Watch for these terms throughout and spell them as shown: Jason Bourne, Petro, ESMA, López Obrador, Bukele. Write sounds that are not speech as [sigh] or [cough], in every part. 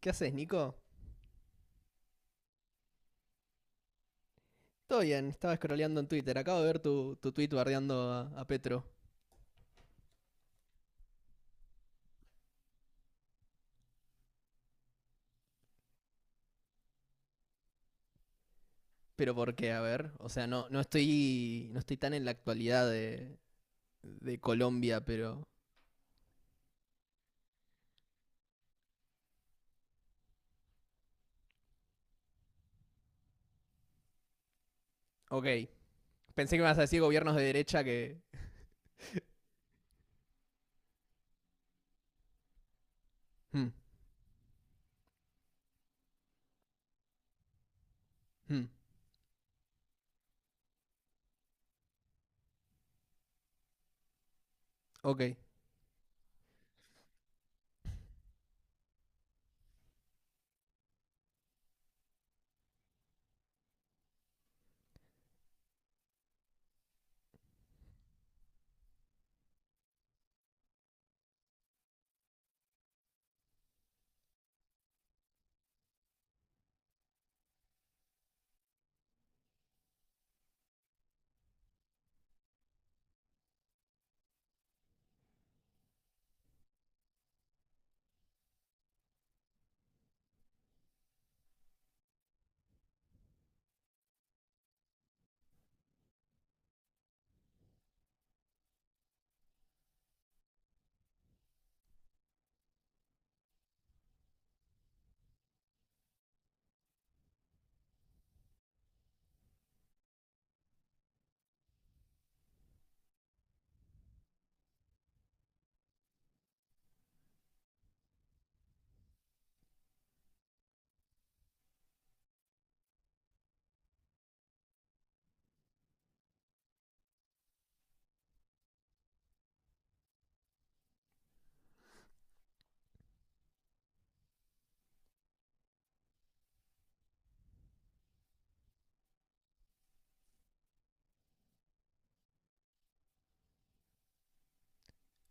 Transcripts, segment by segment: ¿Qué haces, Nico? Todo bien, estaba scrolleando en Twitter. Acabo de ver tu tweet bardeando a Petro. ¿Pero por qué? A ver. O sea, no, No estoy tan en la actualidad de Colombia, pero. Ok. Pensé que me vas a decir gobiernos de derecha que. Hmm, hmm, Ok.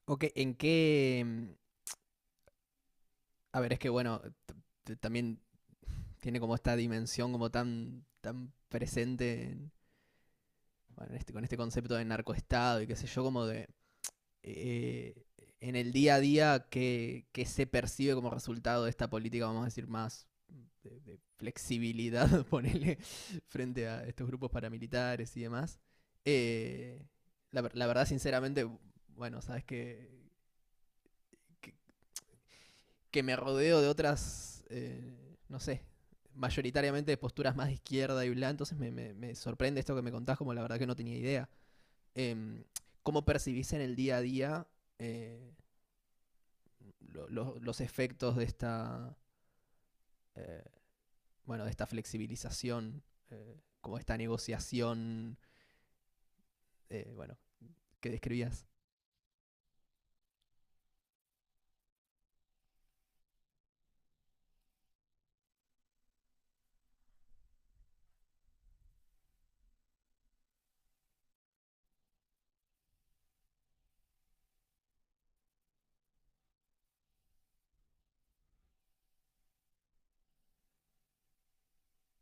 Ok, A ver, es que bueno, también tiene como esta dimensión como tan presente bueno, con este concepto de narcoestado y qué sé yo, como de. Eh, en el día a día qué se percibe como resultado de esta política, vamos a decir, más de flexibilidad, [laughs] ponele, frente a estos grupos paramilitares y demás. Eh, la verdad, sinceramente, bueno, sabes que, que me rodeo de otras, no sé, mayoritariamente de posturas más de izquierda y bla, entonces me sorprende esto que me contás, como la verdad que no tenía idea. Em, ¿Cómo percibís en el día a día eh, los efectos de esta, eh, bueno, de esta flexibilización, como esta negociación, eh, bueno, que describías.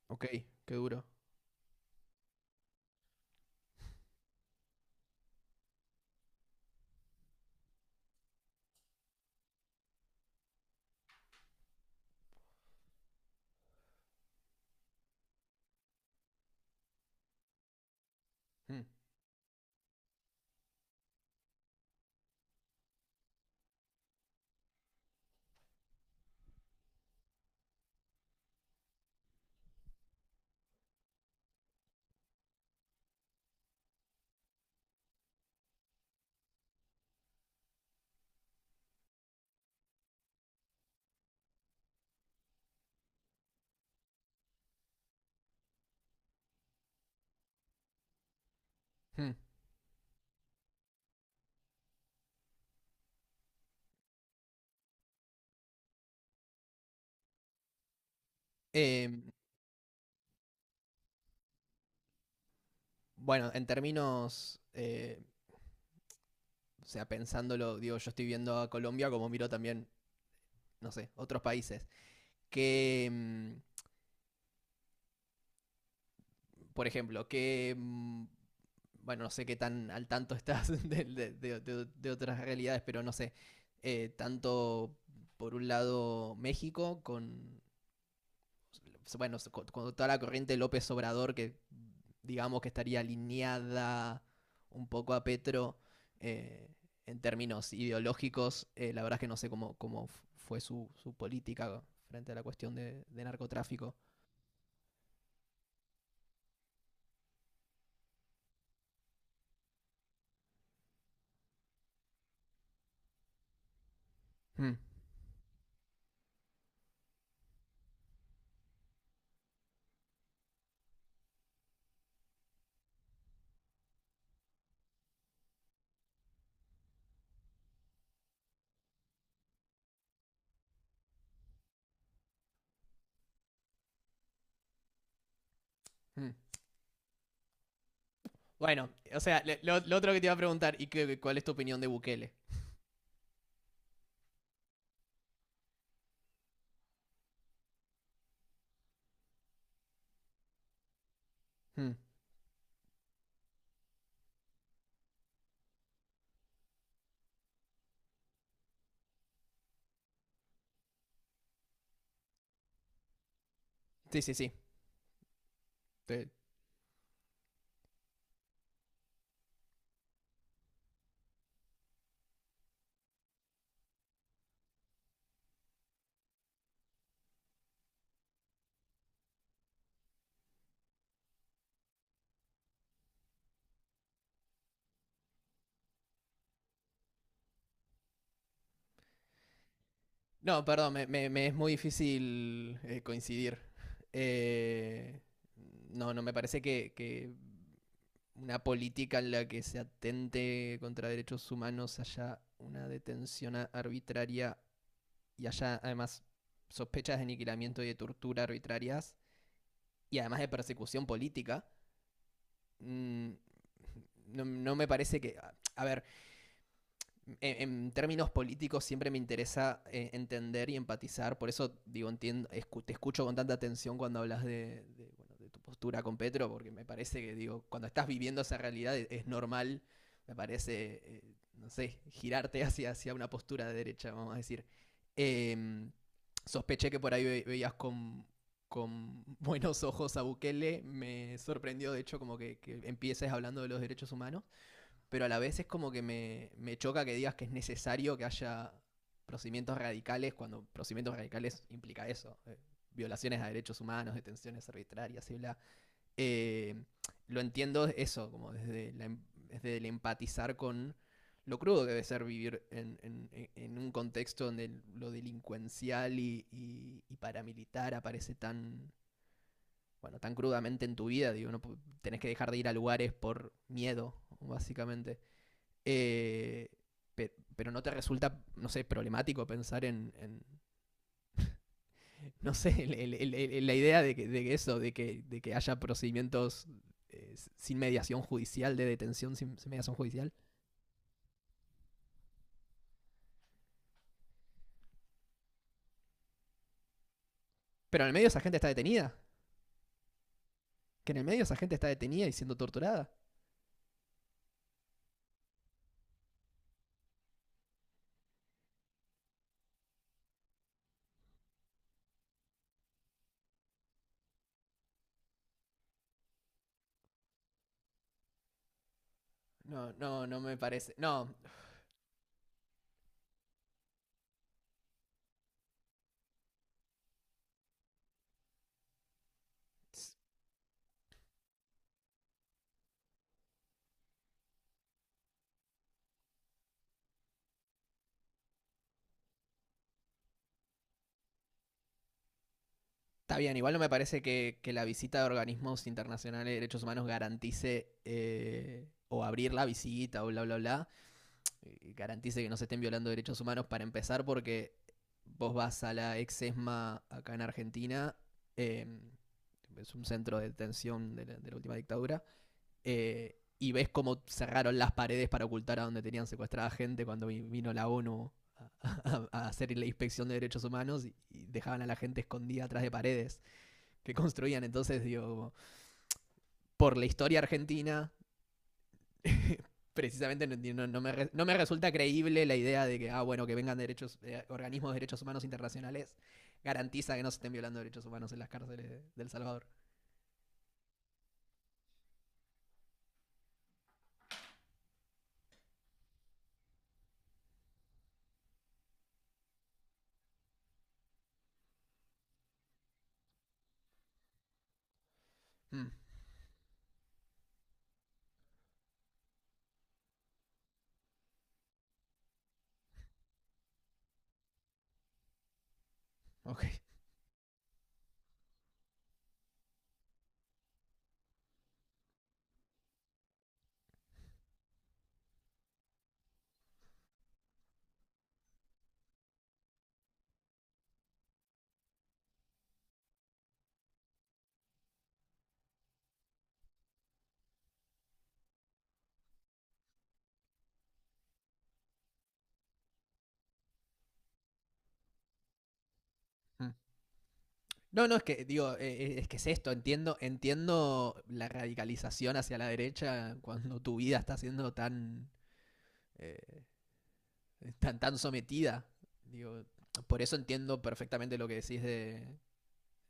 Ok, qué duro. Mm, mm. Em, bueno, en términos, o sea, pensándolo, digo, yo estoy viendo a Colombia como miro también, no sé, otros países. ¿Qué, mm, por ejemplo, bueno, no sé qué tan al tanto estás [laughs] de, de otras realidades, pero no sé. Tanto por un lado México con, bueno, con toda la corriente López Obrador que digamos que estaría alineada un poco a Petro eh, en términos ideológicos. La verdad es que no sé cómo, fue su política frente a la cuestión de narcotráfico. Mm, mm. Bueno, o sea, lo otro que te iba a preguntar, ¿cuál es tu opinión de Bukele? Hmm, Sí, sí, sí. Te- no, perdón, me es muy difícil coincidir. Eh, no, no, me parece que una política en la que se atente contra derechos humanos haya una detención arbitraria y haya además sospechas de aniquilamiento y de tortura arbitrarias y además de persecución política, mm, no, no me parece que... A a ver, en, términos políticos siempre me interesa entender y empatizar, por eso digo, entiendo, te escucho con tanta atención cuando hablas bueno, de tu postura con Petro, porque me parece que digo, cuando estás viviendo esa realidad es normal, me parece, no sé, girarte hacia, hacia una postura de derecha, vamos a decir. Eh, sospeché que por ahí veías con [laughs] buenos ojos a Bukele, me sorprendió de hecho como que empieces hablando de los derechos humanos pero a la vez es como que me choca que digas que es necesario que haya procedimientos radicales cuando procedimientos radicales implica eso, violaciones a derechos humanos, detenciones arbitrarias y bla. Eh, lo entiendo eso, como desde, desde el empatizar con lo crudo que debe ser vivir en, en un contexto donde lo delincuencial y paramilitar aparece tan, bueno, tan crudamente en tu vida. Digo, no, tenés que dejar de ir a lugares por miedo, básicamente. Eh, pero no te resulta, no sé, problemático pensar en, no sé, la idea de que eso, de que haya procedimientos eh, sin mediación judicial, de detención sin, sin mediación judicial. Pero en el medio esa gente está detenida. Que en el medio esa gente está detenida y siendo torturada. No, no, no me parece. No, está bien, igual no me parece que la visita de organismos internacionales de derechos humanos garantice o abrir la visita o bla, bla, bla. Garantice que no se estén violando derechos humanos para empezar, porque vos vas a la ex ESMA acá en Argentina, eh, es un centro de detención de la última dictadura, y ves cómo cerraron las paredes para ocultar a donde tenían secuestrada gente cuando vino la ONU a, a hacer la inspección de derechos humanos y dejaban a la gente escondida atrás de paredes que construían. Entonces, digo, por la historia argentina [laughs] precisamente no, no me, no me resulta creíble la idea de que, ah, bueno, que vengan derechos, organismos de derechos humanos internacionales, garantiza que no se estén violando derechos humanos en las cárceles de El Salvador. Mm, ok. mm. No, no, es que, digo, es que es esto, entiendo, entiendo la radicalización hacia la derecha cuando tu vida está siendo tan, eh, tan, tan sometida. Digo, por eso entiendo perfectamente lo que decís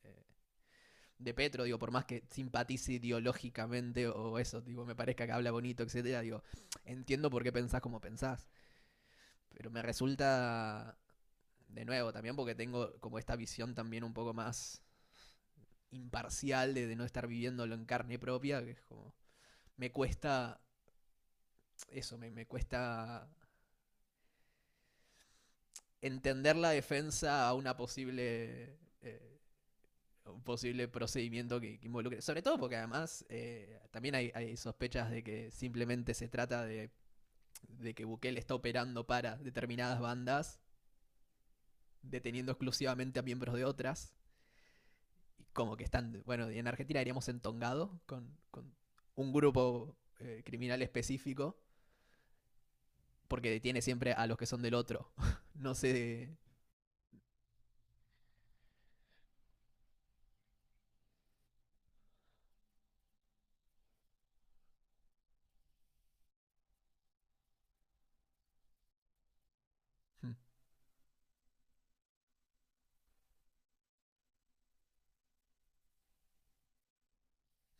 eh, de Petro, digo, por más que simpatice ideológicamente o eso, digo, me parezca que habla bonito, etcétera, digo, entiendo por qué pensás como pensás, pero me resulta de nuevo también porque tengo como esta visión también un poco más imparcial de no estar viviéndolo en carne propia, que es como me cuesta eso, me cuesta entender la defensa a una posible eh, un posible procedimiento que involucre. Sobre todo porque además también hay, sospechas de que simplemente se trata de que Bukele está operando para determinadas bandas, deteniendo exclusivamente a miembros de otras, y como que están, bueno, en Argentina diríamos entongado con un grupo criminal específico, porque detiene siempre a los que son del otro. [laughs] No sé... Hmm,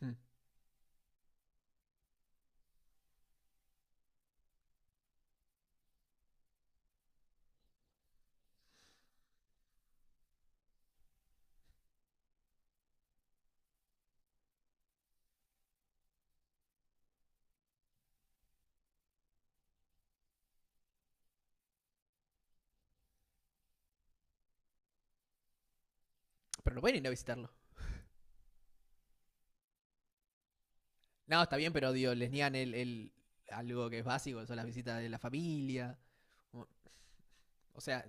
hmm. Pero no pueden ir a visitarlo. No, está bien, pero digo, les niegan el algo que es básico, son las visitas de la familia. O sea,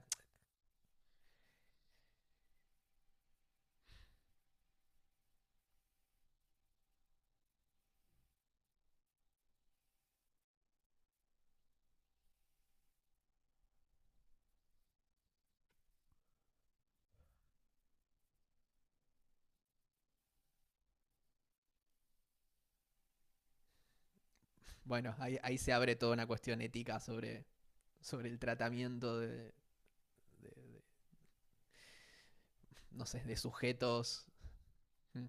bueno, ahí se abre toda una cuestión ética sobre, sobre el tratamiento de, no sé, de sujetos. Mm,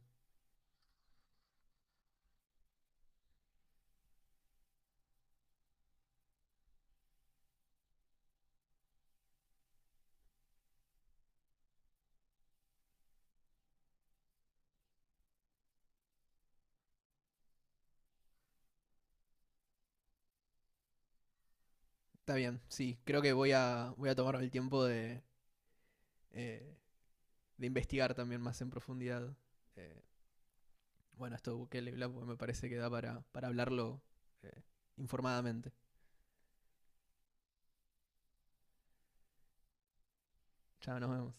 Está bien, sí, creo que voy a, voy a tomarme el tiempo eh, de investigar también más en profundidad. eh, bueno, esto de Bukele y Bla, me parece que da para hablarlo eh, informadamente. Ya nos vemos.